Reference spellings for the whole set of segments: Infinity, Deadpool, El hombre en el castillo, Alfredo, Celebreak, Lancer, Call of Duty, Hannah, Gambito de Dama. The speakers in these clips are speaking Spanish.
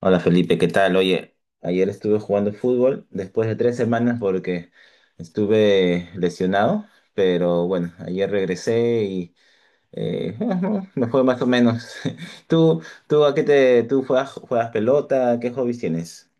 Hola Felipe, ¿qué tal? Oye, ayer estuve jugando fútbol después de 3 semanas porque estuve lesionado, pero bueno, ayer regresé y eh, me fue más o menos. ¿Tú, tú juegas pelota? ¿Qué hobbies tienes?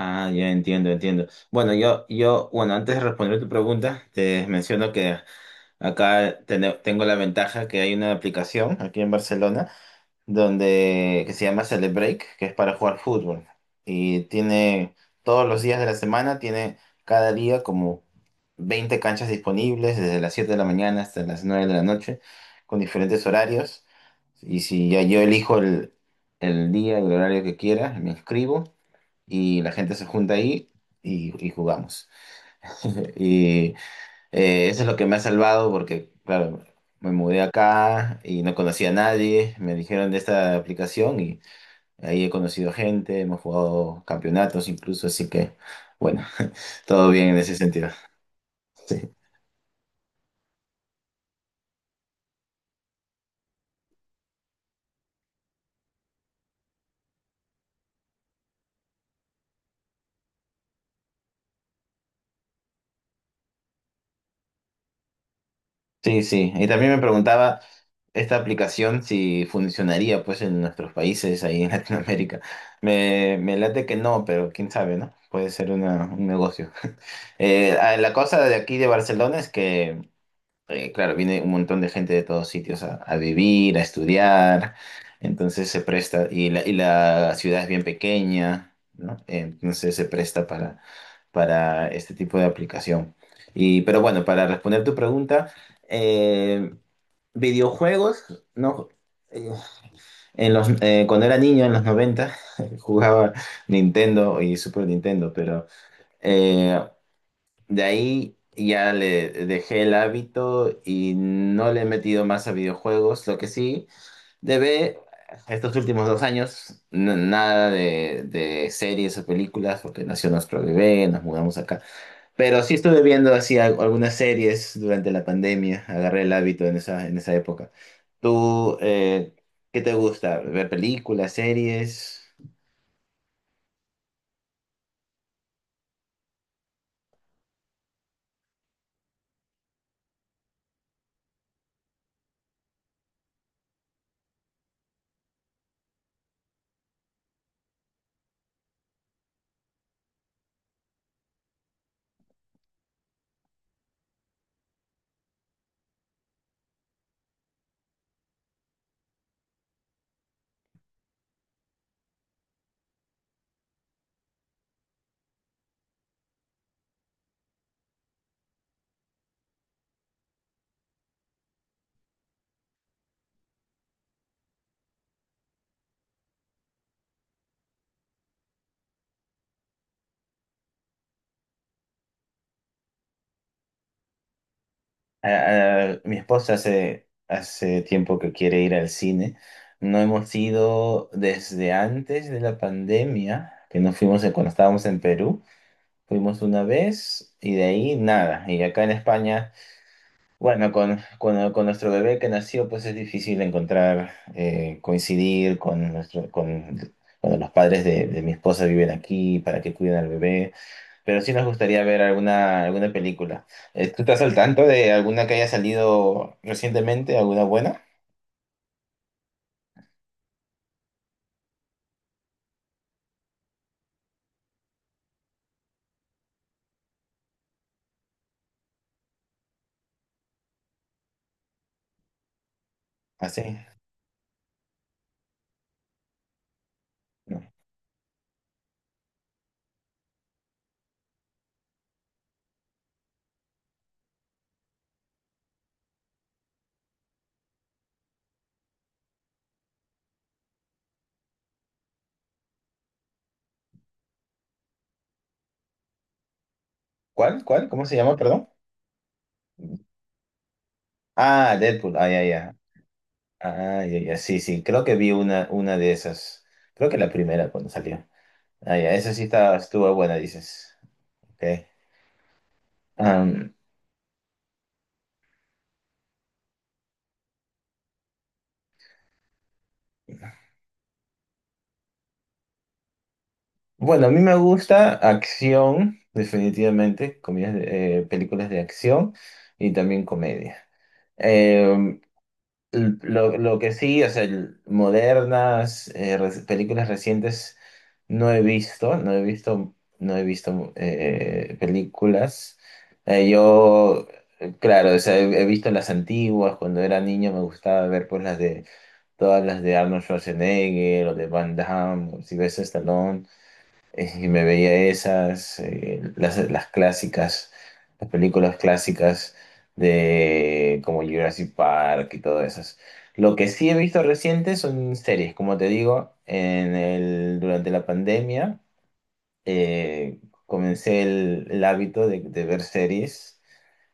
Ah, ya entiendo, entiendo. Bueno, bueno, antes de responder tu pregunta, te menciono que acá tengo la ventaja que hay una aplicación aquí en Barcelona donde que se llama Celebreak, que es para jugar fútbol. Y tiene todos los días de la semana, tiene cada día como 20 canchas disponibles, desde las 7 de la mañana hasta las 9 de la noche, con diferentes horarios. Y si ya yo elijo el día y el horario que quiera, me inscribo y la gente se junta ahí y jugamos. Y eso es lo que me ha salvado porque, claro, me mudé acá y no conocía a nadie. Me dijeron de esta aplicación. Ahí he conocido gente, hemos jugado campeonatos incluso, así que bueno, todo bien en ese sentido. Sí, sí, sí. Y también me preguntaba esta aplicación si funcionaría pues en nuestros países, ahí en Latinoamérica. Me late que no, pero quién sabe, ¿no? Puede ser un negocio. La cosa de aquí de Barcelona es que claro, viene un montón de gente de todos sitios a vivir, a estudiar, entonces se presta, y y la ciudad es bien pequeña, ¿no? Entonces se presta para este tipo de aplicación. Y pero bueno, para responder tu pregunta, eh, videojuegos, ¿no? Eh, cuando era niño, en los 90 jugaba Nintendo y Super Nintendo, pero... eh, de ahí ya le dejé el hábito y no le he metido más a videojuegos. Lo que sí, debe estos últimos 2 años, nada de series o películas, porque nació nuestro bebé, nos mudamos acá. Pero sí estuve viendo así algunas series durante la pandemia, agarré el hábito en esa época. ¿Tú, qué te gusta? ¿Ver películas, series? Mi esposa hace tiempo que quiere ir al cine. No hemos ido desde antes de la pandemia, que nos fuimos cuando estábamos en Perú. Fuimos una vez y de ahí nada. Y acá en España, bueno, con nuestro bebé que nació, pues es difícil encontrar, coincidir con, nuestro, con, cuando los padres de mi esposa viven aquí para que cuiden al bebé. Pero sí nos gustaría ver alguna película. ¿Tú estás al tanto de alguna que haya salido recientemente? ¿Alguna buena? Así. No. ¿Cuál? ¿Cuál? ¿Cómo se llama? Perdón. Ah, Deadpool. Ah, ya, ya. Ah, ya, ya. Sí, sí. Creo que vi una de esas. Creo que la primera cuando salió. Ah, ya. Esa sí estaba, estuvo buena, dices. Ok. Am, bueno, a mí me gusta acción, definitivamente. Comidas películas de acción y también comedia. Em, lo que sí, o sea, modernas, películas recientes no he visto, no he visto, no he visto películas. Eh, yo, claro, o sea, he visto las antiguas, cuando era niño me gustaba ver pues todas las de Arnold Schwarzenegger o de Van Damme o Sylvester Stallone, y me veía las clásicas, las películas clásicas de como Jurassic Park y todas esas. Lo que sí he visto reciente son series, como te digo, durante la pandemia eh, comencé el hábito de ver series,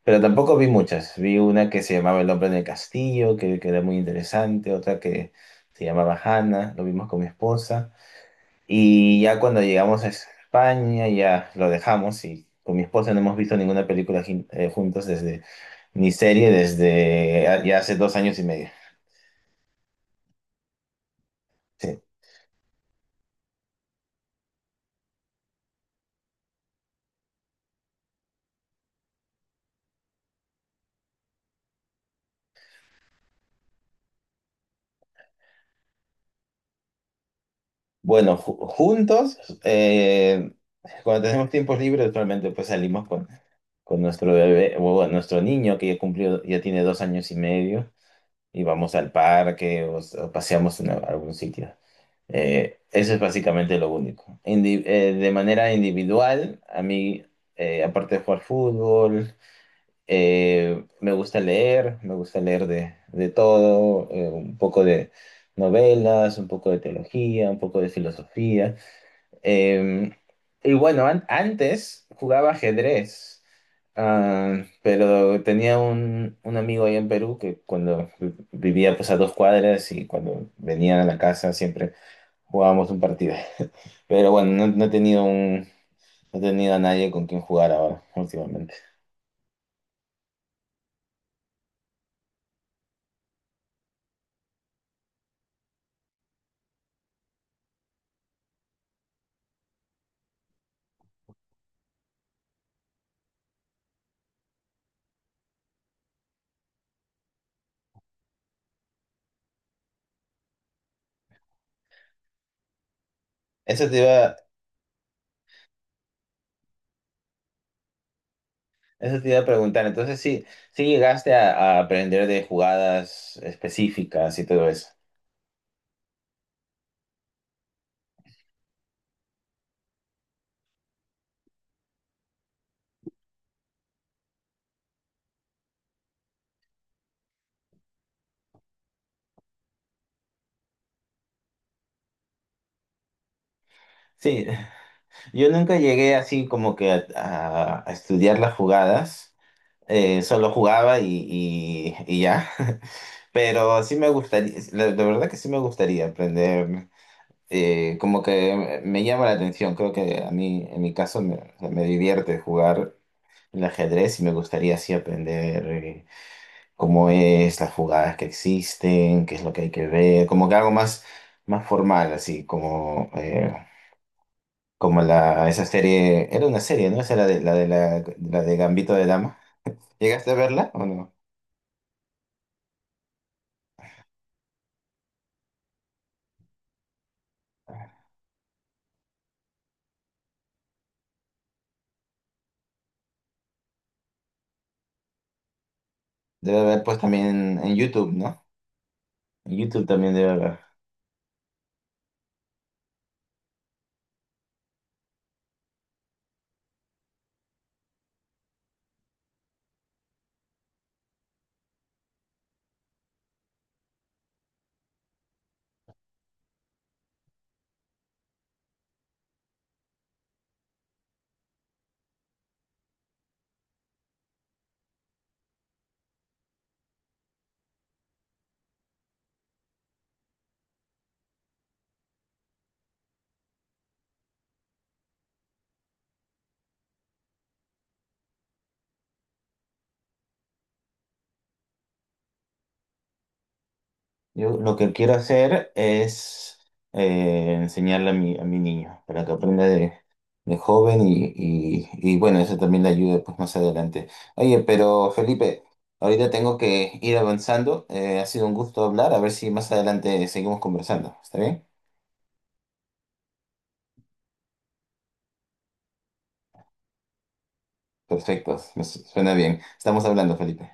pero tampoco vi muchas. Vi una que se llamaba El hombre en el castillo, que era muy interesante, otra que se llamaba Hannah, lo vimos con mi esposa. Y ya cuando llegamos a España, ya lo dejamos y con mi esposa no hemos visto ninguna película juntos desde, ni serie desde ya hace 2 años y medio. Sí. Bueno, juntos, eh, cuando tenemos tiempos libres, actualmente pues salimos con nuestro bebé, o bueno, nuestro niño que ya cumplió, ya tiene 2 años y medio. Y vamos al parque o paseamos en algún sitio. Eso es básicamente lo único. De manera individual, a mí, aparte de jugar fútbol, me gusta leer de todo, un poco de novelas, un poco de teología, un poco de filosofía. Eh, y bueno, antes jugaba ajedrez, pero tenía un amigo ahí en Perú que cuando vivía pues a 2 cuadras y cuando venían a la casa siempre jugábamos un partido. Pero bueno, no, no he tenido a nadie con quien jugar ahora últimamente. Eso te iba, eso te iba a preguntar. Entonces sí, sí llegaste a aprender de jugadas específicas y todo eso. Sí, yo nunca llegué así como que a estudiar las jugadas, solo jugaba y ya, pero sí me gustaría, la verdad que sí me gustaría aprender, como que me llama la atención, creo que a mí, en mi caso, me, o sea, me divierte jugar el ajedrez y me gustaría así aprender cómo es, las jugadas que existen, qué es lo que hay que ver, como que algo más formal, así como... como esa serie, era una serie, ¿no? Esa era la de Gambito de Dama. ¿Llegaste a verla o no? Debe haber pues también en YouTube, ¿no? En YouTube también debe haber. Yo lo que quiero hacer es enseñarle a mi niño para que aprenda de joven y bueno, eso también le ayude pues más adelante. Oye, pero Felipe, ahorita tengo que ir avanzando. Ha sido un gusto hablar. A ver si más adelante seguimos conversando. ¿Está bien? Perfecto, me suena bien. Estamos hablando, Felipe.